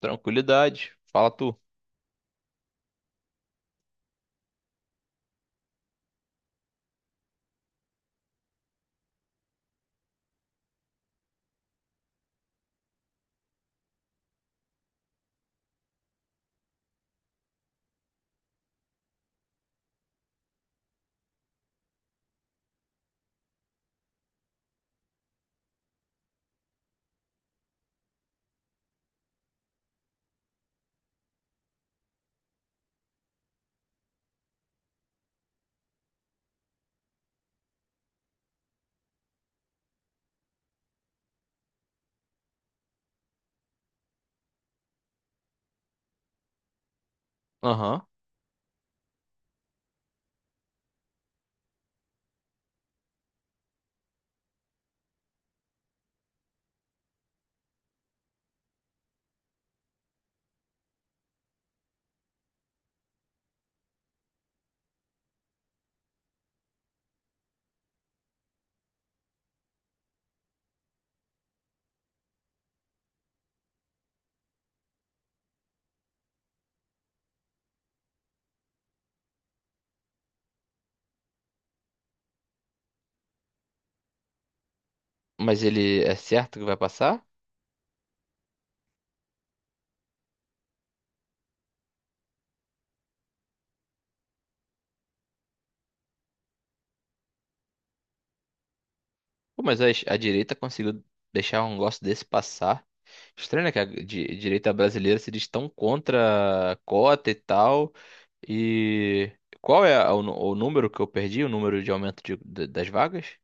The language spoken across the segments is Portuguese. Tranquilidade. Fala tu. Aham. Mas ele é certo que vai passar? Pô, mas a direita conseguiu deixar um negócio desse passar. Estranho, né? Que a direita brasileira se diz tão contra a cota e tal. E qual é o número que eu perdi? O número de aumento das vagas?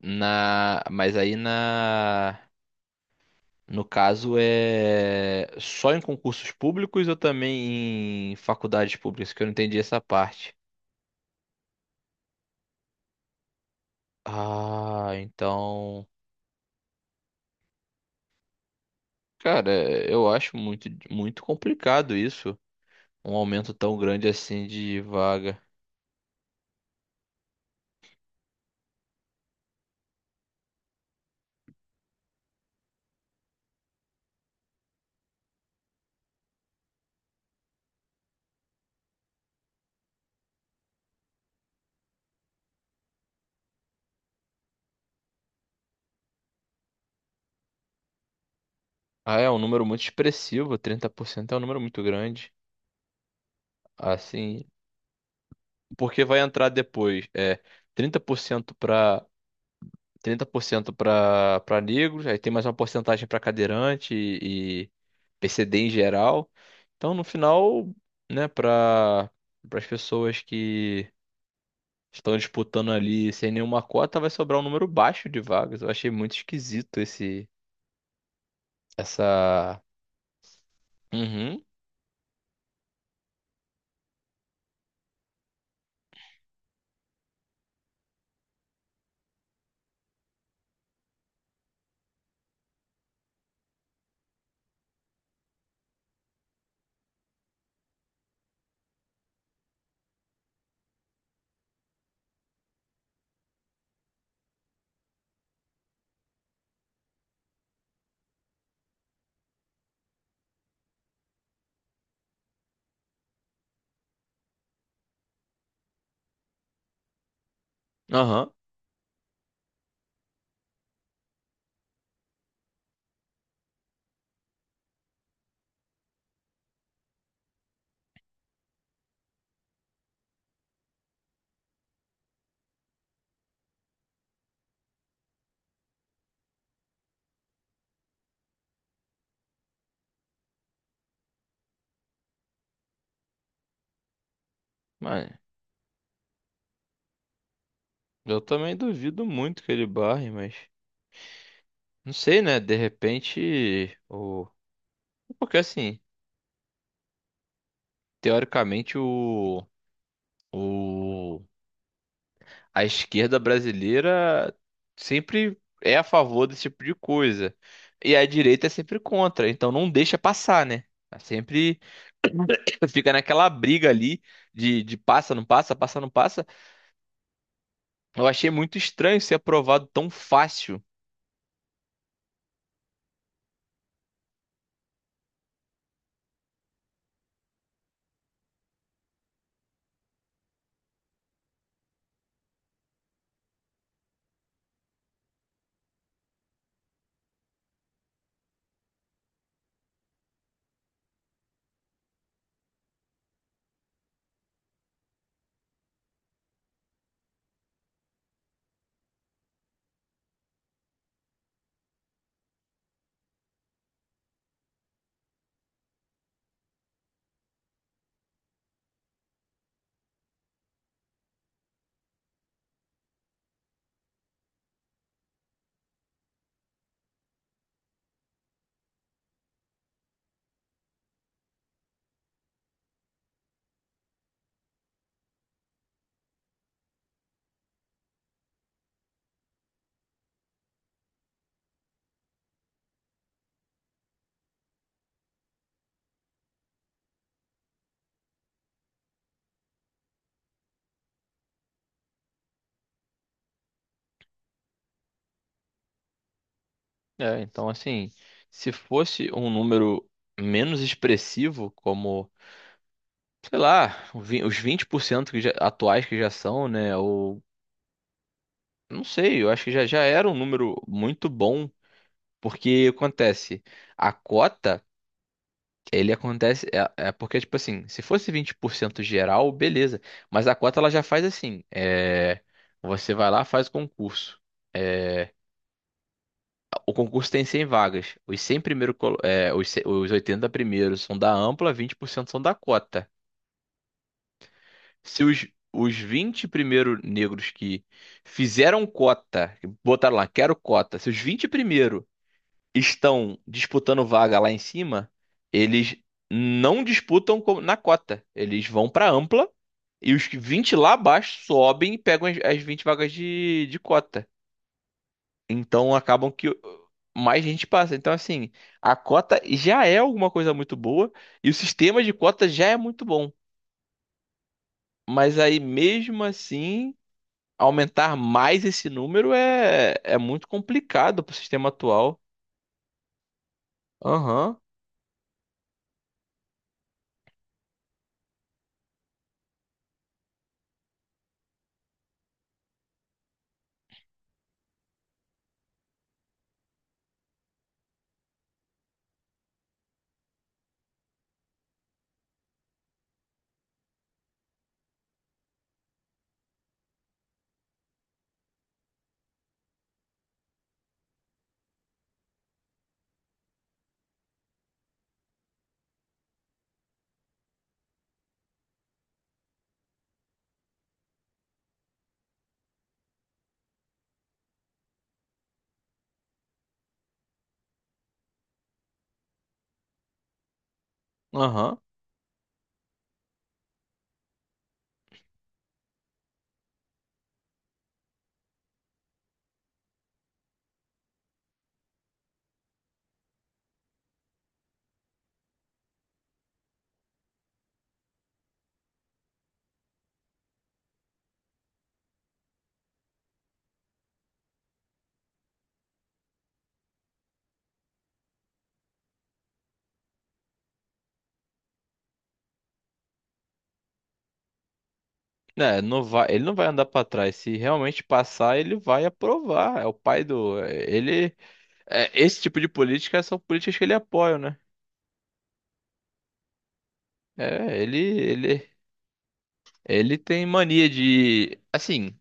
Na, mas aí na, No caso é só em concursos públicos ou também em faculdades públicas? Que eu não entendi essa parte. Ah, então. Cara, eu acho muito, muito complicado isso, um aumento tão grande assim de vaga. Ah, é um número muito expressivo, 30% é um número muito grande. Assim, porque vai entrar depois, é 30% para 30% para negros, aí tem mais uma porcentagem para cadeirante e PCD em geral. Então, no final, né, para as pessoas que estão disputando ali sem nenhuma cota, vai sobrar um número baixo de vagas. Eu achei muito esquisito essa. Uhum, aham. Mas eu também duvido muito que ele barre, mas não sei, né? De repente, o porque assim, teoricamente o a esquerda brasileira sempre é a favor desse tipo de coisa. E a direita é sempre contra, então não deixa passar, né? É sempre fica naquela briga ali de passa, não passa, passa, não passa. Eu achei muito estranho ser aprovado tão fácil. É, então, assim, se fosse um número menos expressivo, como, sei lá, os 20% atuais que já são, né? Ou, não sei, eu acho que já, já era um número muito bom. Porque acontece, a cota. Ele acontece. É, é porque, tipo assim, se fosse 20% geral, beleza. Mas a cota ela já faz assim: é, você vai lá, faz o concurso. É, o concurso tem 100 vagas. Os 100 primeiro, 100, os 80 primeiros são da ampla, 20% são da cota. Se os, os 20 primeiros negros que fizeram cota, que botaram lá, quero cota, se os 20 estão disputando vaga lá em cima, eles não disputam na cota. Eles vão para ampla e os que 20 lá abaixo sobem e pegam as 20 vagas de cota. Então acabam que mais gente passa. Então, assim, a cota já é alguma coisa muito boa e o sistema de cota já é muito bom. Mas aí, mesmo assim, aumentar mais esse número é, é muito complicado pro sistema atual. Aham, aham. Né, não vai, ele não vai andar pra trás. Se realmente passar, ele vai aprovar. É o pai do. Ele. É, esse tipo de política são políticas que ele apoia, né? É, ele tem mania de. Assim,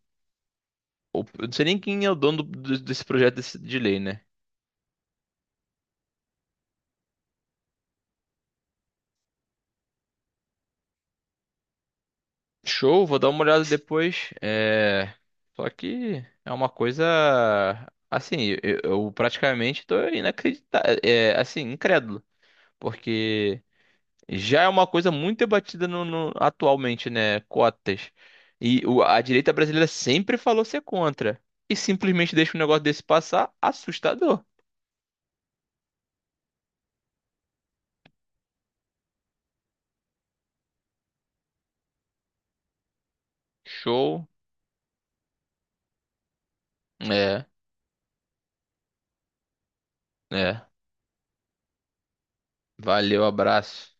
o- eu não sei nem quem é o dono desse projeto de lei, né? Show, vou dar uma olhada depois. É, só que é uma coisa. Assim, eu praticamente tô inacreditado. É, assim, incrédulo. Porque. Já é uma coisa muito debatida atualmente, né? Cotas. E a direita brasileira sempre falou ser contra. E simplesmente deixa um negócio desse passar, assustador. Show. É, é. Valeu, abraço.